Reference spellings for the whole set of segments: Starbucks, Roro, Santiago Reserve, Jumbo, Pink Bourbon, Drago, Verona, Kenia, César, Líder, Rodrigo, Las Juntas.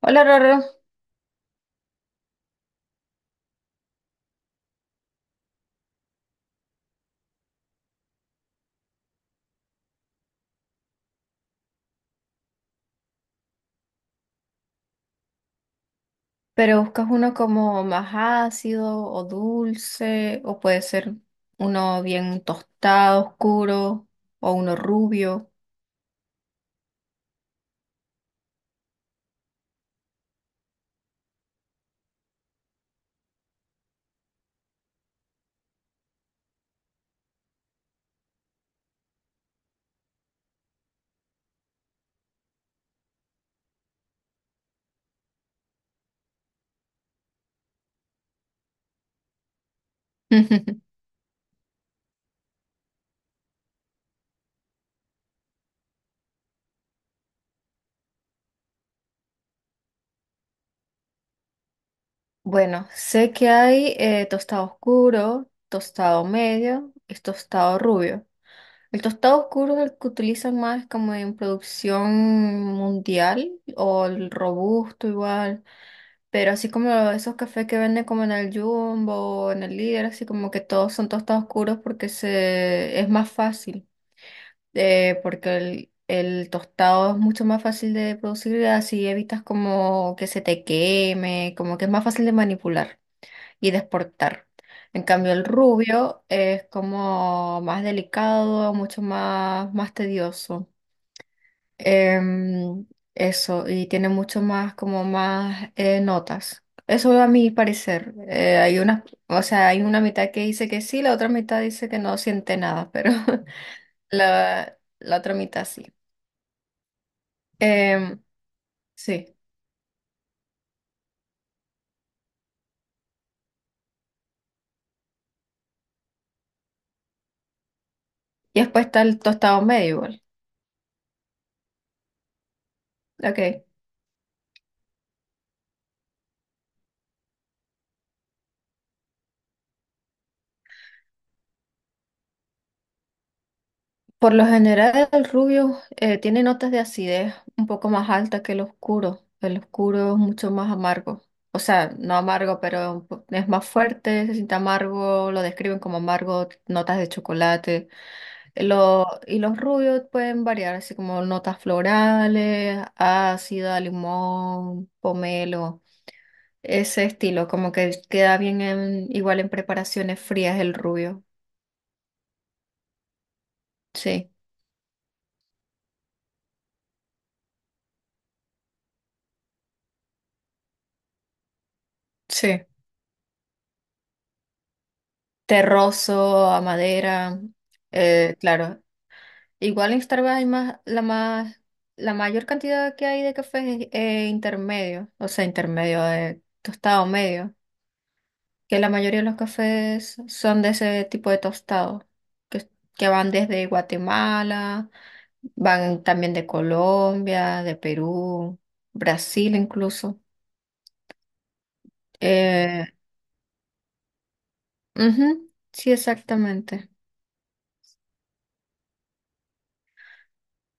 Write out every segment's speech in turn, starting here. Hola, Roro. Pero buscas uno como más ácido o dulce, o puede ser uno bien tostado, oscuro, o uno rubio. Bueno, sé que hay tostado oscuro, tostado medio y tostado rubio. El tostado oscuro es el que utilizan más como en producción mundial o el robusto igual. Pero así como esos cafés que venden como en el Jumbo o en el Líder, así como que todos son tostados oscuros porque se, es más fácil, porque el tostado es mucho más fácil de producir y así evitas como que se te queme, como que es más fácil de manipular y de exportar. En cambio, el rubio es como más delicado, mucho más, más tedioso. Em, eso, y tiene mucho más, como más notas. Eso a mi parecer. Hay una, o sea, hay una mitad que dice que sí, la otra mitad dice que no siente nada, pero la otra mitad sí. Em, sí. Y después está el tostado medio igual. Ok. Por lo general, el rubio tiene notas de acidez un poco más altas que el oscuro. El oscuro es mucho más amargo. O sea, no amargo, pero un po- es más fuerte, se siente amargo, lo describen como amargo, notas de chocolate. Lo- y los rubios pueden variar, así como notas florales, ácida, limón, pomelo, ese estilo, como que queda bien en- igual en preparaciones frías el rubio. Sí, sí, terroso, a madera, claro. Igual en Starbucks hay más, la mayor cantidad que hay de cafés es intermedio, o sea, intermedio de tostado medio, que la mayoría de los cafés son de ese tipo de tostado, que, que van desde Guatemala, van también de Colombia, de Perú, Brasil incluso. Eh, ujú, sí, exactamente.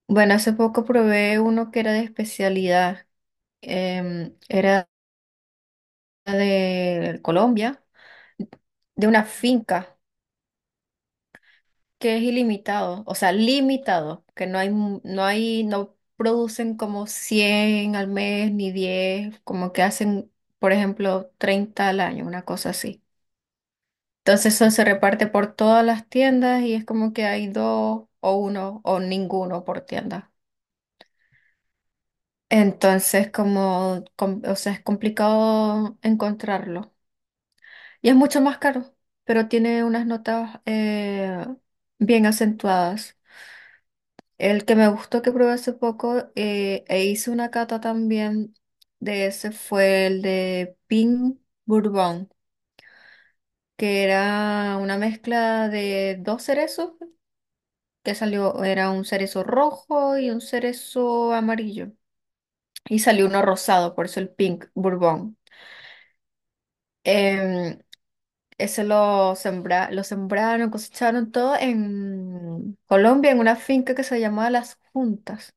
Bueno, hace poco probé uno que era de especialidad. Em, era de Colombia, de una finca que es ilimitado, o sea, limitado, que no hay, mu- no hay, no producen como 100 al mes ni 10, como que hacen, por ejemplo, 30 al año, una cosa así. Entonces eso se reparte por todas las tiendas y es como que hay dos o uno o ninguno por tienda. Entonces, como, com- o sea, es complicado encontrarlo. Y es mucho más caro, pero tiene unas notas bien acentuadas. El que me gustó que probé hace poco e hice una cata también de ese fue el de Pink Bourbon, que era una mezcla de dos cerezos, que salió, era un cerezo rojo y un cerezo amarillo. Y salió uno rosado, por eso el Pink Bourbon. Em, Eso lo, sembra, lo sembraron, cosecharon todo en Colombia, en una finca que se llamaba Las Juntas.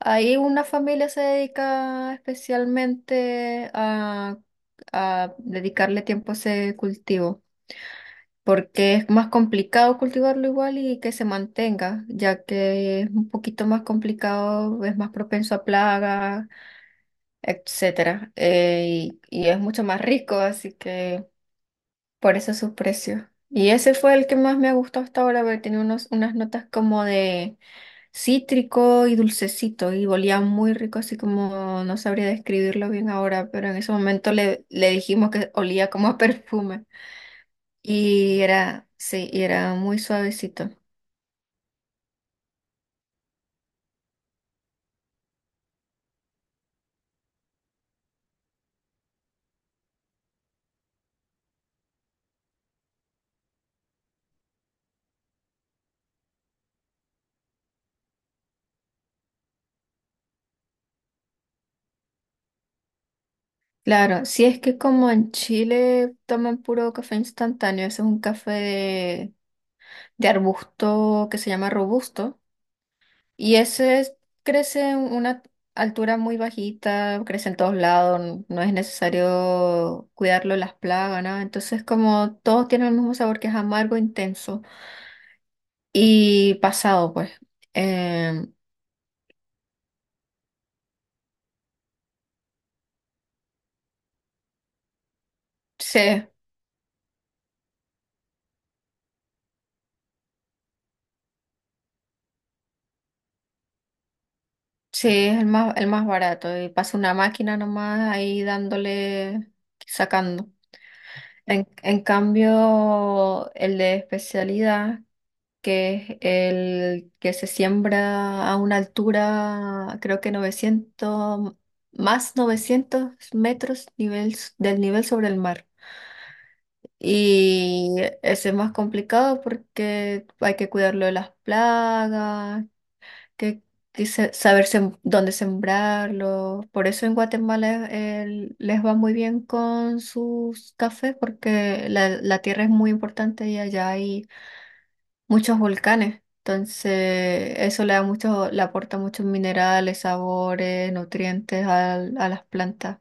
Ahí una familia se dedica especialmente a dedicarle tiempo a ese cultivo, porque es más complicado cultivarlo igual y que se mantenga, ya que es un poquito más complicado, es más propenso a plagas, etcétera, y es mucho más rico, así que por eso su precio. Y ese fue el que más me ha gustado hasta ahora, porque tenía unos, unas notas como de cítrico y dulcecito, y olía muy rico, así como no sabría describirlo bien ahora, pero en ese momento le, le dijimos que olía como a perfume. Y era, sí, y era muy suavecito. Claro, si es que como en Chile toman puro café instantáneo, ese es un café de arbusto que se llama robusto. Y ese es- crece en una altura muy bajita, crece en todos lados, n- no es necesario cuidarlo las plagas, nada. Entonces, como todos tienen el mismo sabor que es amargo, intenso y pasado, pues. Eh, sí, sí, es el más barato. Y pasa una máquina nomás ahí dándole, sacando. En cambio, el de especialidad que es el que se siembra a una altura, creo que 900 más, 900 metros nivel, s- del nivel sobre el mar. Y ese es más complicado porque hay que cuidarlo de las plagas, que, que se- saber sem- dónde sembrarlo. Por eso en Guatemala les va muy bien con sus cafés porque la tierra es muy importante y allá hay muchos volcanes. Entonces, eso le da mucho, le aporta muchos minerales, sabores, nutrientes al- a, las plantas.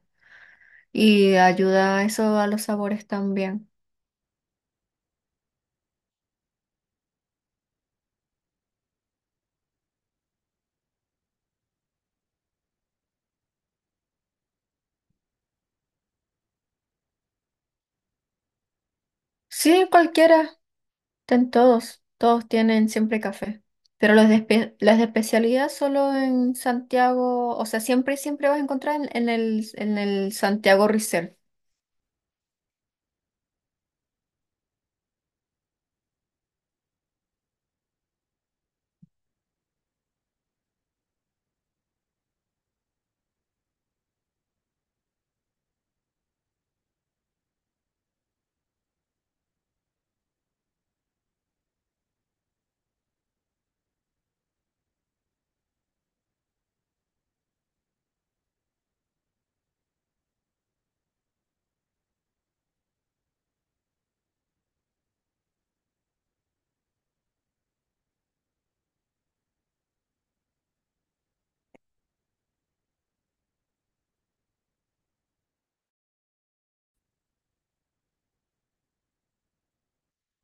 Y ayuda eso a los sabores también. Sí, cualquiera, ten todos. Todos tienen siempre café. Pero los de, espe- las de especialidad solo en Santiago, o sea, siempre, siempre vas a encontrar en el Santiago Reserve.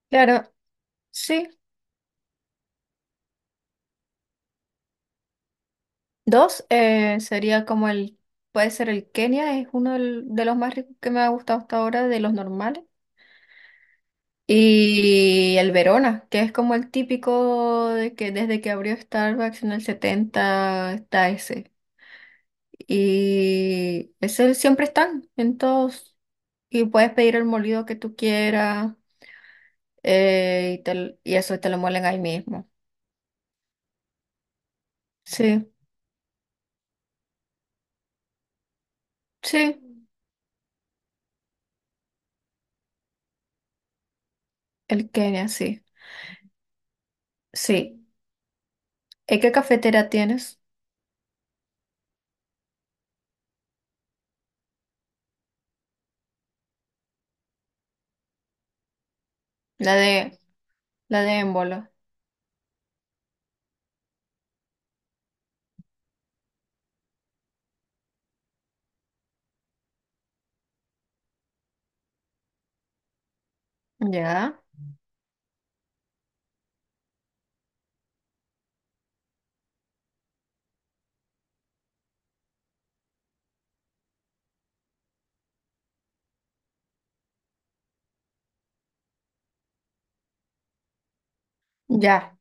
Claro, sí. Dos, sería como el, puede ser el Kenia, es uno del- de los más ricos que me ha gustado hasta ahora, de los normales. Y el Verona, que es como el típico de que desde que abrió Starbucks en el 70 está ese. Y ese siempre están en todos. Y puedes pedir el molido que tú quieras y, te y eso te lo muelen ahí mismo. Sí, sí, el Kenia, sí. Sí. ¿Y qué cafetera tienes? La de, la de Émbolo. Ya, ya.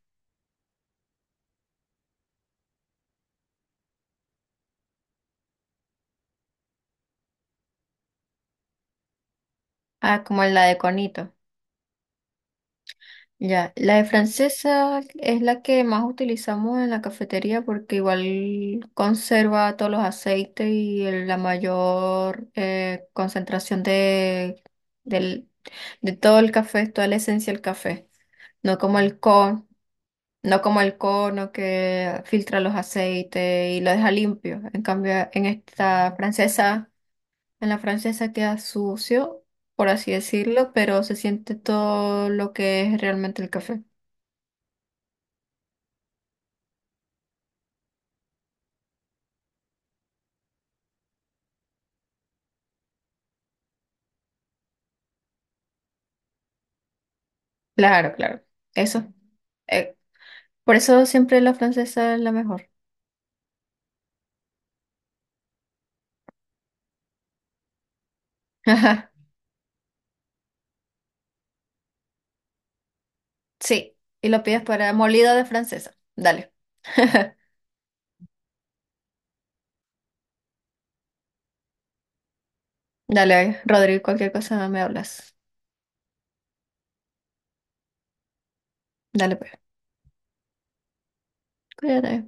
Ah, como la de Conito. Ya, la de francesa es la que más utilizamos en la cafetería porque igual conserva todos los aceites y el- la mayor concentración de, del, de todo el café, toda la esencia del café. No como el con, no como el cono que filtra los aceites y lo deja limpio. En cambio, en esta francesa, en la francesa queda sucio, por así decirlo, pero se siente todo lo que es realmente el café. Claro, claro. Eso. Eh, por eso siempre la francesa es la mejor. Ajá. Sí. Y lo pides para molido de francesa. Dale. Dale, Rodrigo, cualquier cosa me hablas. Dale, pues. Cuídate.